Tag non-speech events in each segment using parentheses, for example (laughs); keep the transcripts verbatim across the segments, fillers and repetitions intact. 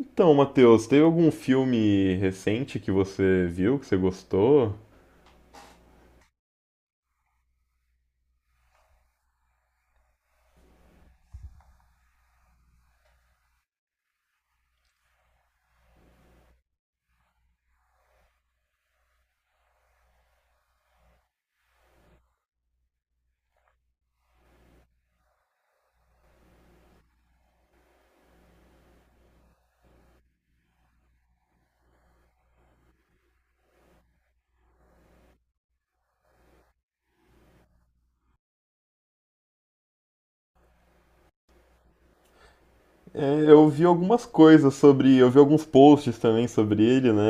Então, Matheus, teve algum filme recente que você viu, que você gostou? É, eu vi algumas coisas sobre, eu vi alguns posts também sobre ele, né?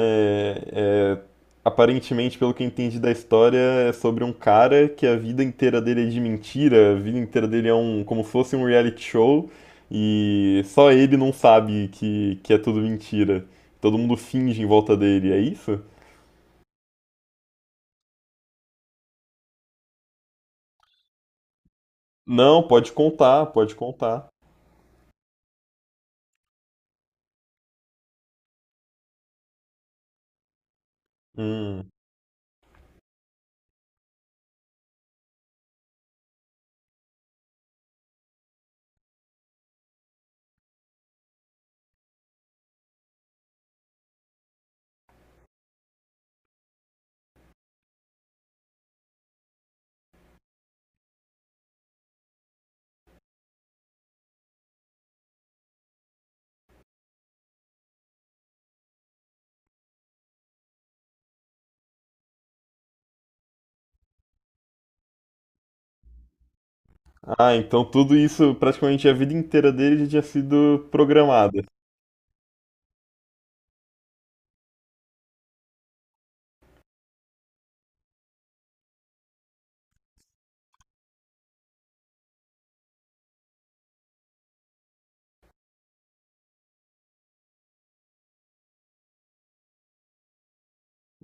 É, aparentemente, pelo que eu entendi da história, é sobre um cara que a vida inteira dele é de mentira, a vida inteira dele é um, como se fosse um reality show, e só ele não sabe que, que é tudo mentira. Todo mundo finge em volta dele, é isso? Não, pode contar, pode contar. Hum. Ah, então tudo isso, praticamente a vida inteira dele já tinha sido programada.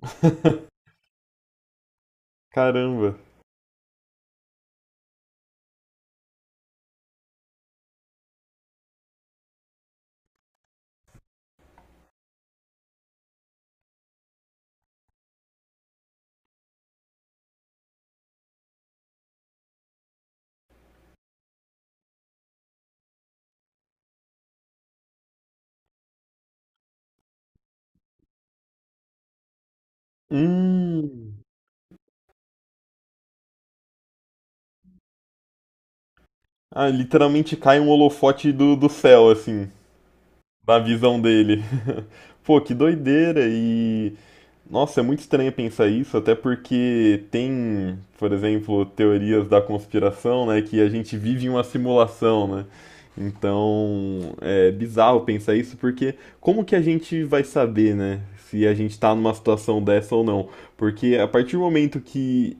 (laughs) Caramba. Hum. Ah, literalmente cai um holofote do, do céu, assim, na visão dele. (laughs) Pô, que doideira! E nossa, é muito estranho pensar isso, até porque tem, por exemplo, teorias da conspiração, né, que a gente vive em uma simulação, né? Então, é bizarro pensar isso, porque como que a gente vai saber, né, se a gente está numa situação dessa ou não? Porque a partir do momento que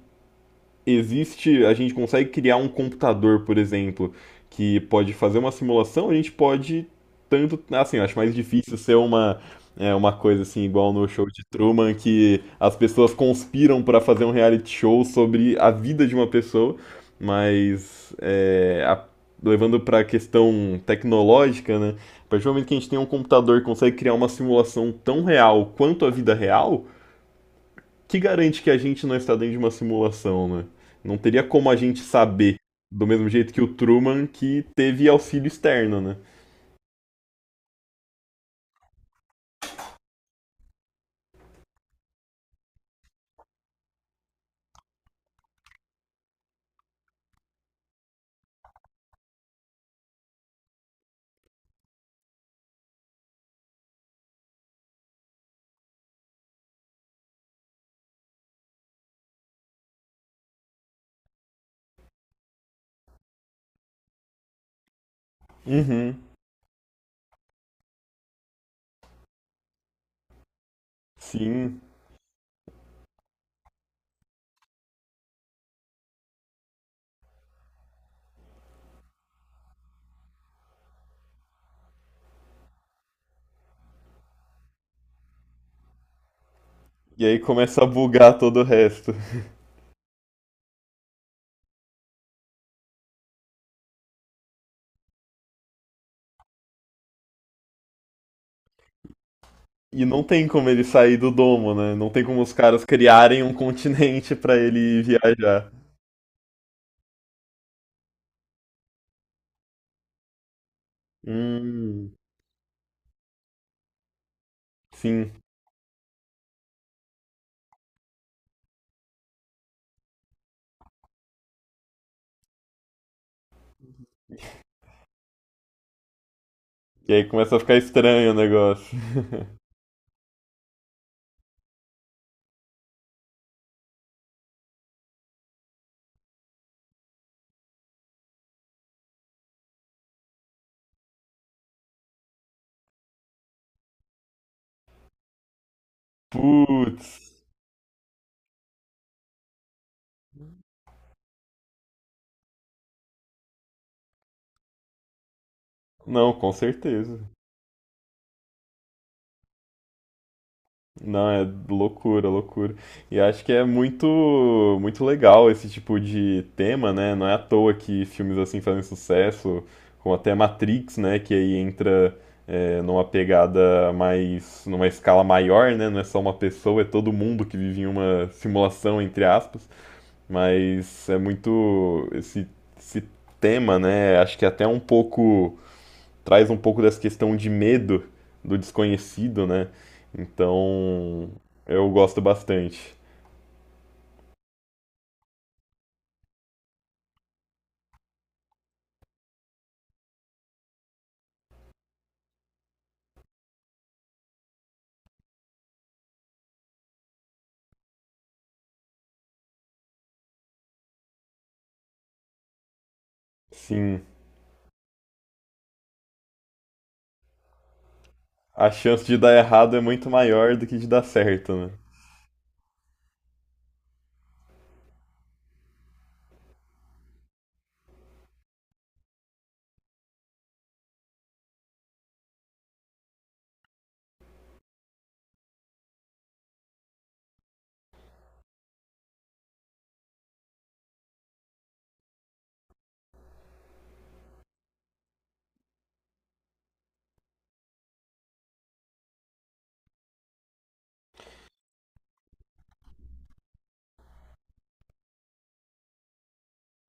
existe, a gente consegue criar um computador, por exemplo, que pode fazer uma simulação, a gente pode tanto, assim, eu acho mais difícil ser uma é uma coisa assim igual no show de Truman que as pessoas conspiram para fazer um reality show sobre a vida de uma pessoa, mas é, a- levando para a questão tecnológica, né? A partir do momento que a gente tem um computador que consegue criar uma simulação tão real quanto a vida real, que garante que a gente não está dentro de uma simulação, né? Não teria como a gente saber, do mesmo jeito que o Truman, que teve auxílio externo, né? Uhum, sim. E aí começa a bugar todo o resto. E não tem como ele sair do domo, né? Não tem como os caras criarem um continente para ele viajar. Hum, sim. E aí começa a ficar estranho o negócio. (laughs) Putz. Não, com certeza. Não, é loucura, loucura. E acho que é muito, muito legal esse tipo de tema, né? Não é à toa que filmes assim fazem sucesso, como até Matrix, né? Que aí entra é, numa pegada mais, numa escala maior, né? Não é só uma pessoa, é todo mundo que vive em uma simulação, entre aspas. Mas é muito esse, esse tema, né? Acho que é até um pouco traz um pouco dessa questão de medo do desconhecido, né? Então, eu gosto bastante. Sim, a chance de dar errado é muito maior do que de dar certo, né?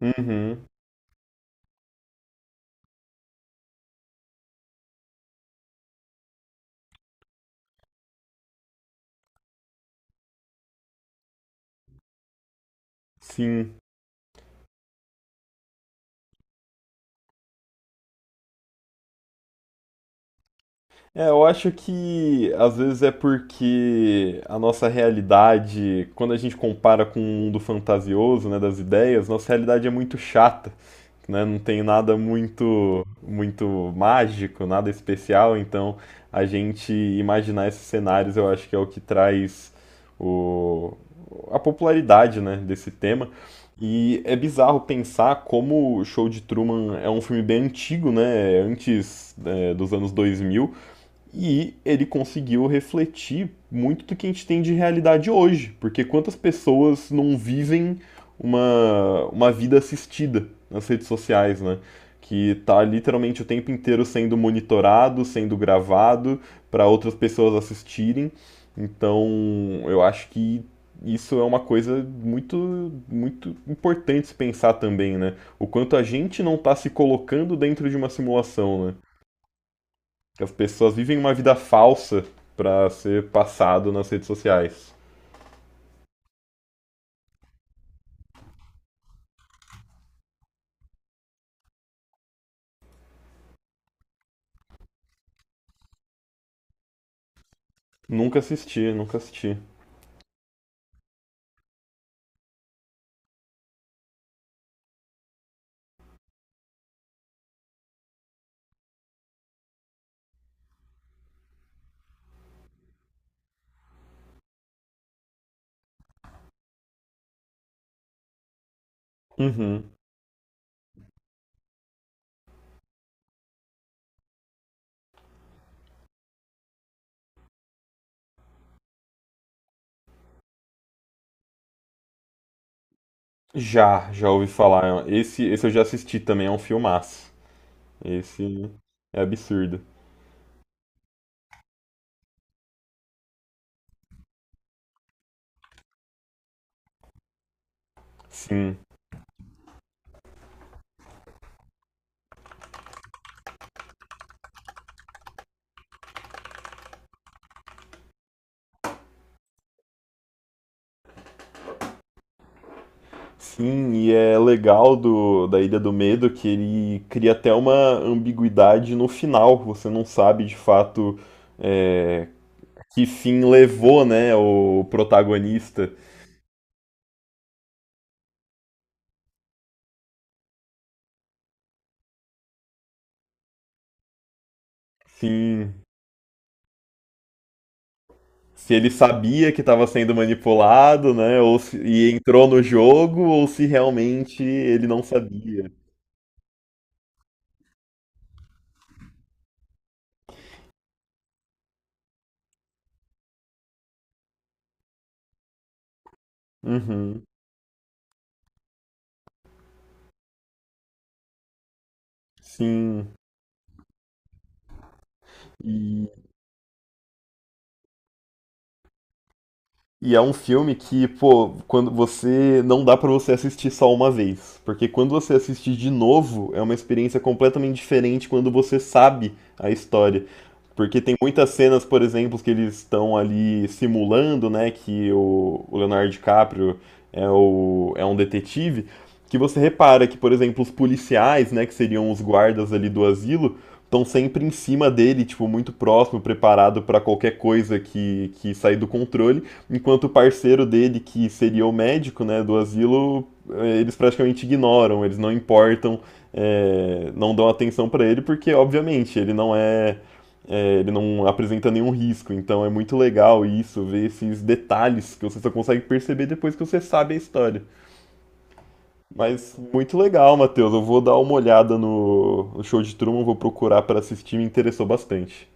Uhum, sim. É, eu acho que às vezes é porque a nossa realidade, quando a gente compara com o mundo fantasioso, né, das ideias, nossa realidade é muito chata, né? Não tem nada muito muito mágico, nada especial, então a gente imaginar esses cenários, eu acho que é o que traz o, a popularidade, né, desse tema. E é bizarro pensar como o Show de Truman é um filme bem antigo, né? Antes, é, dos anos dois mil e ele conseguiu refletir muito do que a gente tem de realidade hoje, porque quantas pessoas não vivem uma, uma vida assistida nas redes sociais, né? Que está literalmente o tempo inteiro sendo monitorado, sendo gravado para outras pessoas assistirem. Então, eu acho que isso é uma coisa muito muito importante se pensar também, né? O quanto a gente não está se colocando dentro de uma simulação, né? Que as pessoas vivem uma vida falsa pra ser passado nas redes sociais. Nunca assisti, nunca assisti. Uhum. Já, já ouvi falar. Esse, esse eu já assisti também, é um filmaço. Esse é absurdo. Sim. Sim, e é legal do, da Ilha do Medo que ele cria até uma ambiguidade no final. Você não sabe de fato é, que fim levou, né, o protagonista. Sim, se ele sabia que estava sendo manipulado, né? Ou se, e entrou no jogo, ou se realmente ele não sabia. Uhum, sim. E é um filme que, pô, quando você não dá pra você assistir só uma vez, porque quando você assiste de novo, é uma experiência completamente diferente quando você sabe a história. Porque tem muitas cenas, por exemplo, que eles estão ali simulando, né, que o, o Leonardo DiCaprio é, o, é um detetive, que você repara que, por exemplo, os policiais, né, que seriam os guardas ali do asilo, estão sempre em cima dele, tipo, muito próximo, preparado para qualquer coisa que, que sair do controle enquanto o parceiro dele, que seria o médico né, do asilo, eh, eles praticamente ignoram, eles não importam, eh, não dão atenção para ele, porque obviamente ele não é, eh, ele não apresenta nenhum risco. Então é muito legal isso, ver esses detalhes que você só consegue perceber depois que você sabe a história. Mas muito legal, Matheus. Eu vou dar uma olhada no, no show de Truman, vou procurar para assistir, me interessou bastante.